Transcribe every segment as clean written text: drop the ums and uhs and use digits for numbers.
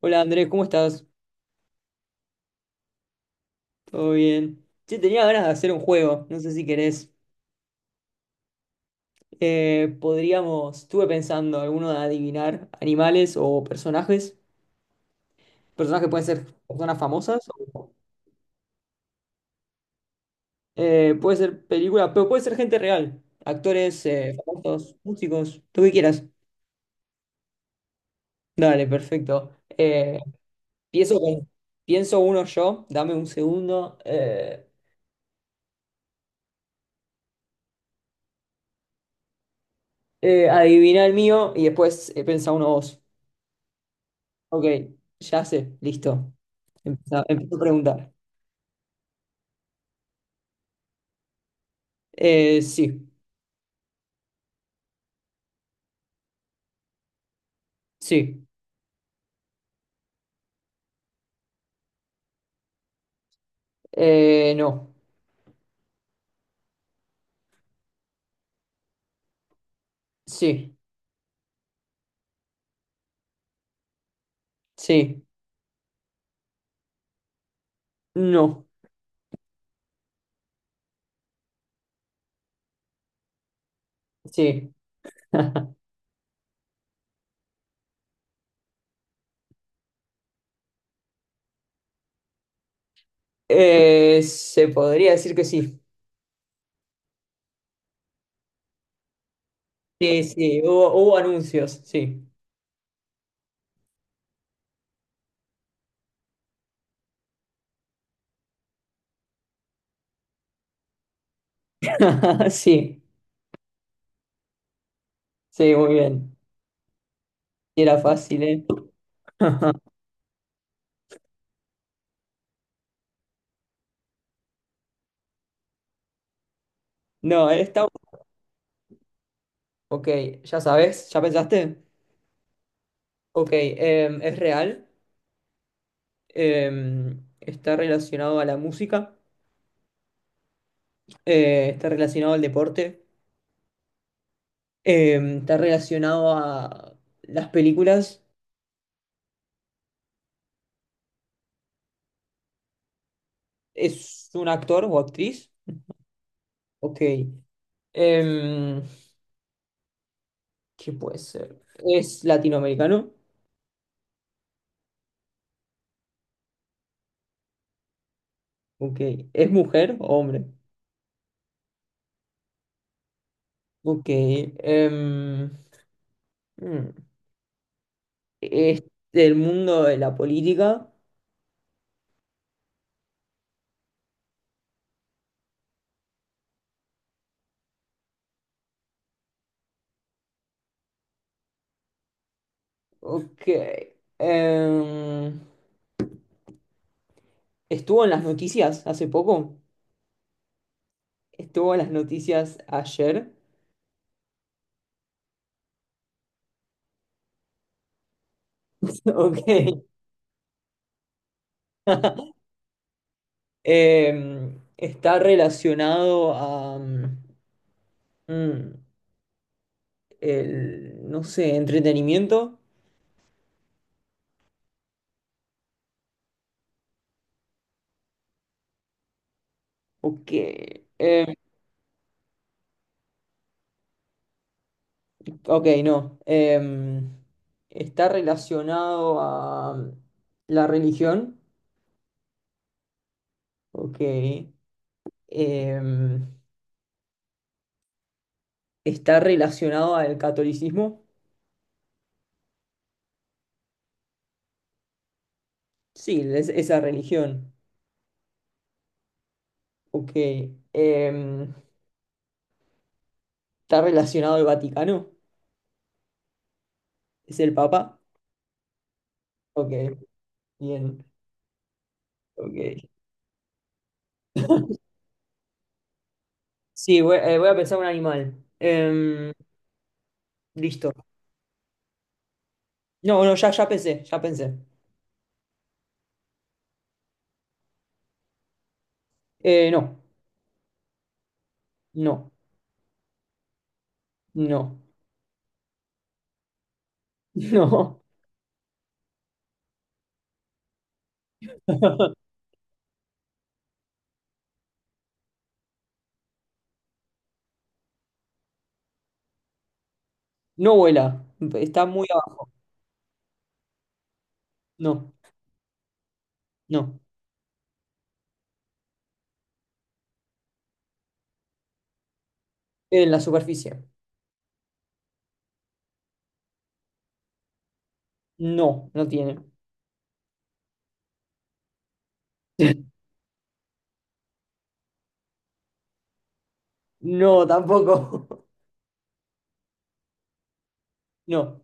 Hola Andrés, ¿cómo estás? ¿Todo bien? Che, tenía ganas de hacer un juego, no sé si querés. Podríamos, estuve pensando, alguno de adivinar animales o personajes. Personajes pueden ser personas famosas, o- puede ser película, pero puede ser gente real. Actores, famosos, músicos, tú que quieras. Dale, perfecto. Eh, pienso, con- pienso uno yo, dame un segundo. Adivina el mío y después pensá uno vos. Ok, ya sé, listo. Empiezo a preguntar. Sí, sí, no, sí, sí, no, sí. Se podría decir que sí. Sí, sí, hubo anuncios, sí. Sí, sí, muy bien. Sí, era fácil, ¿eh? No, está... Ok, ya sabes, ¿ya pensaste? Ok, es real, está relacionado a la música, está relacionado al deporte. Está relacionado a las películas. ¿Es un actor o actriz? Ok. Em, ¿Qué puede ser? ¿Es latinoamericano? Ok. ¿Es mujer o hombre? Ok. Mm, ¿Es del mundo de la política? Ok. em, ¿Estuvo en las noticias hace poco? ¿Estuvo en las noticias ayer? Ok. Está relacionado a mm, el, no sé, entretenimiento. Ok. em, ok, no. Está relacionado a la religión. Ok. Em, Está relacionado al catolicismo. Sí, es, esa religión. Ok. Em, Está relacionado al Vaticano. Es el Papa. Ok. Bien, ok. Sí, voy, voy a pensar un animal. Listo. No, no, ya pensé, ya pensé. No, no, no, no. No vuela. Está muy abajo. No, no. En la superficie. No, no tiene. No, tampoco. No,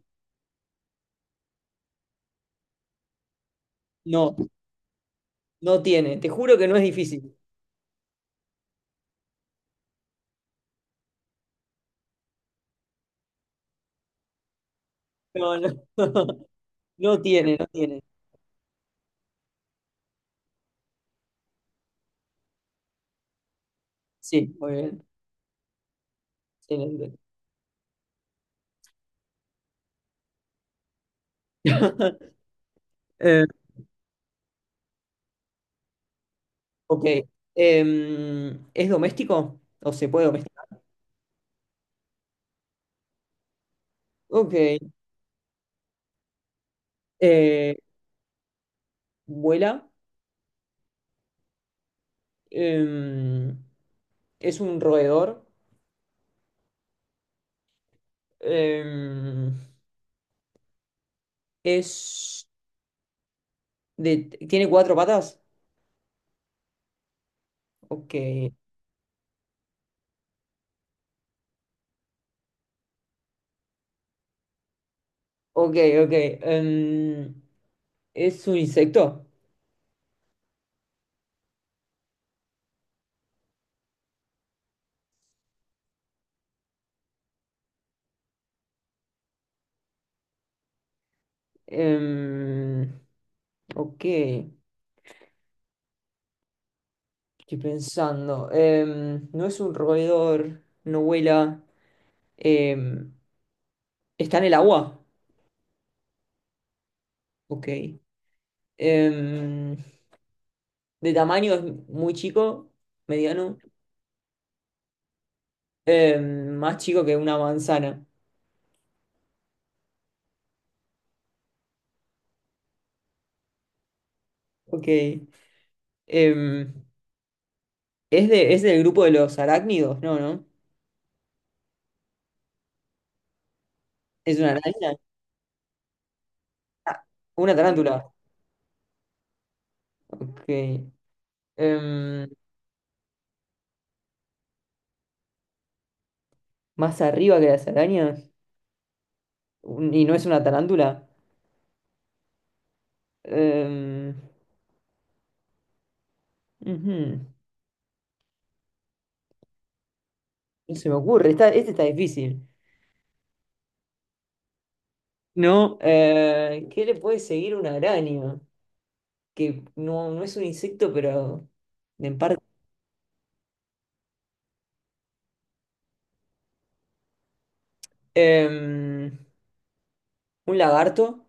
no, no tiene. Te juro que no es difícil. No, no. No tiene, no tiene. Sí, muy bien. Excelente. Em, Ok. ¿Es doméstico? ¿O se puede domesticar? Ok. Eh, ¿Vuela? Em, ¿Es un roedor? Em, ¿es de, ¿Tiene cuatro patas? Ok. Ok, ok. ¿Es un insecto? Em, ok. Estoy pensando. No es un roedor, no vuela. Em, ¿Está en el agua? Ok. Em, de tamaño es muy chico, mediano, más chico que una manzana. Ok. Em, ¿es del grupo de los arácnidos? No, ¿no? ¿Es una araña? Ah, una tarántula. Ok. Em, ¿Más arriba que las arañas? ¿Y no es una tarántula? Em, ujú. No se me ocurre, está, este está difícil. No, ¿Qué le puede seguir una araña? Que no es un insecto, pero en parte. Em, un lagarto.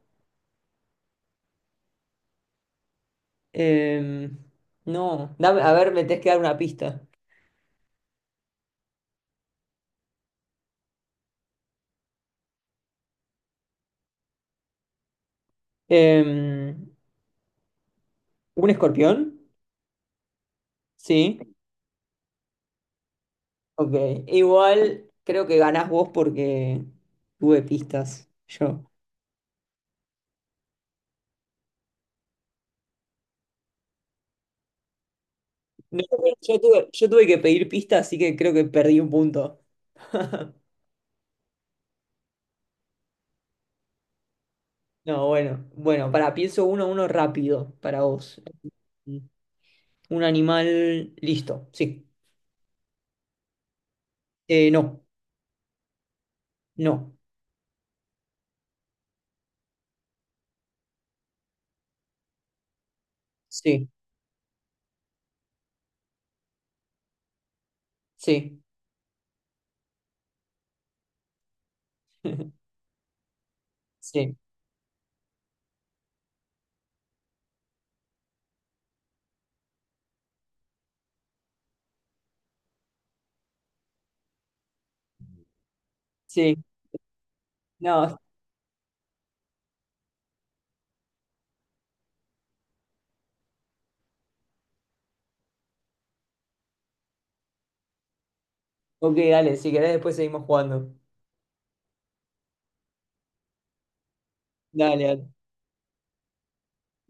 Em, no, dame, a ver, me tenés que dar una pista. Em, un escorpión. Sí, ok. Igual creo que ganás vos porque tuve pistas. Yo. No, yo tuve que pedir pistas, así que creo que perdí un punto. No, bueno, bueno, para, pienso uno, uno rápido para vos. Un animal, listo, sí. No. No, sí, sí, sí, sí. No, ok, dale, si querés después seguimos jugando. Dale, dale.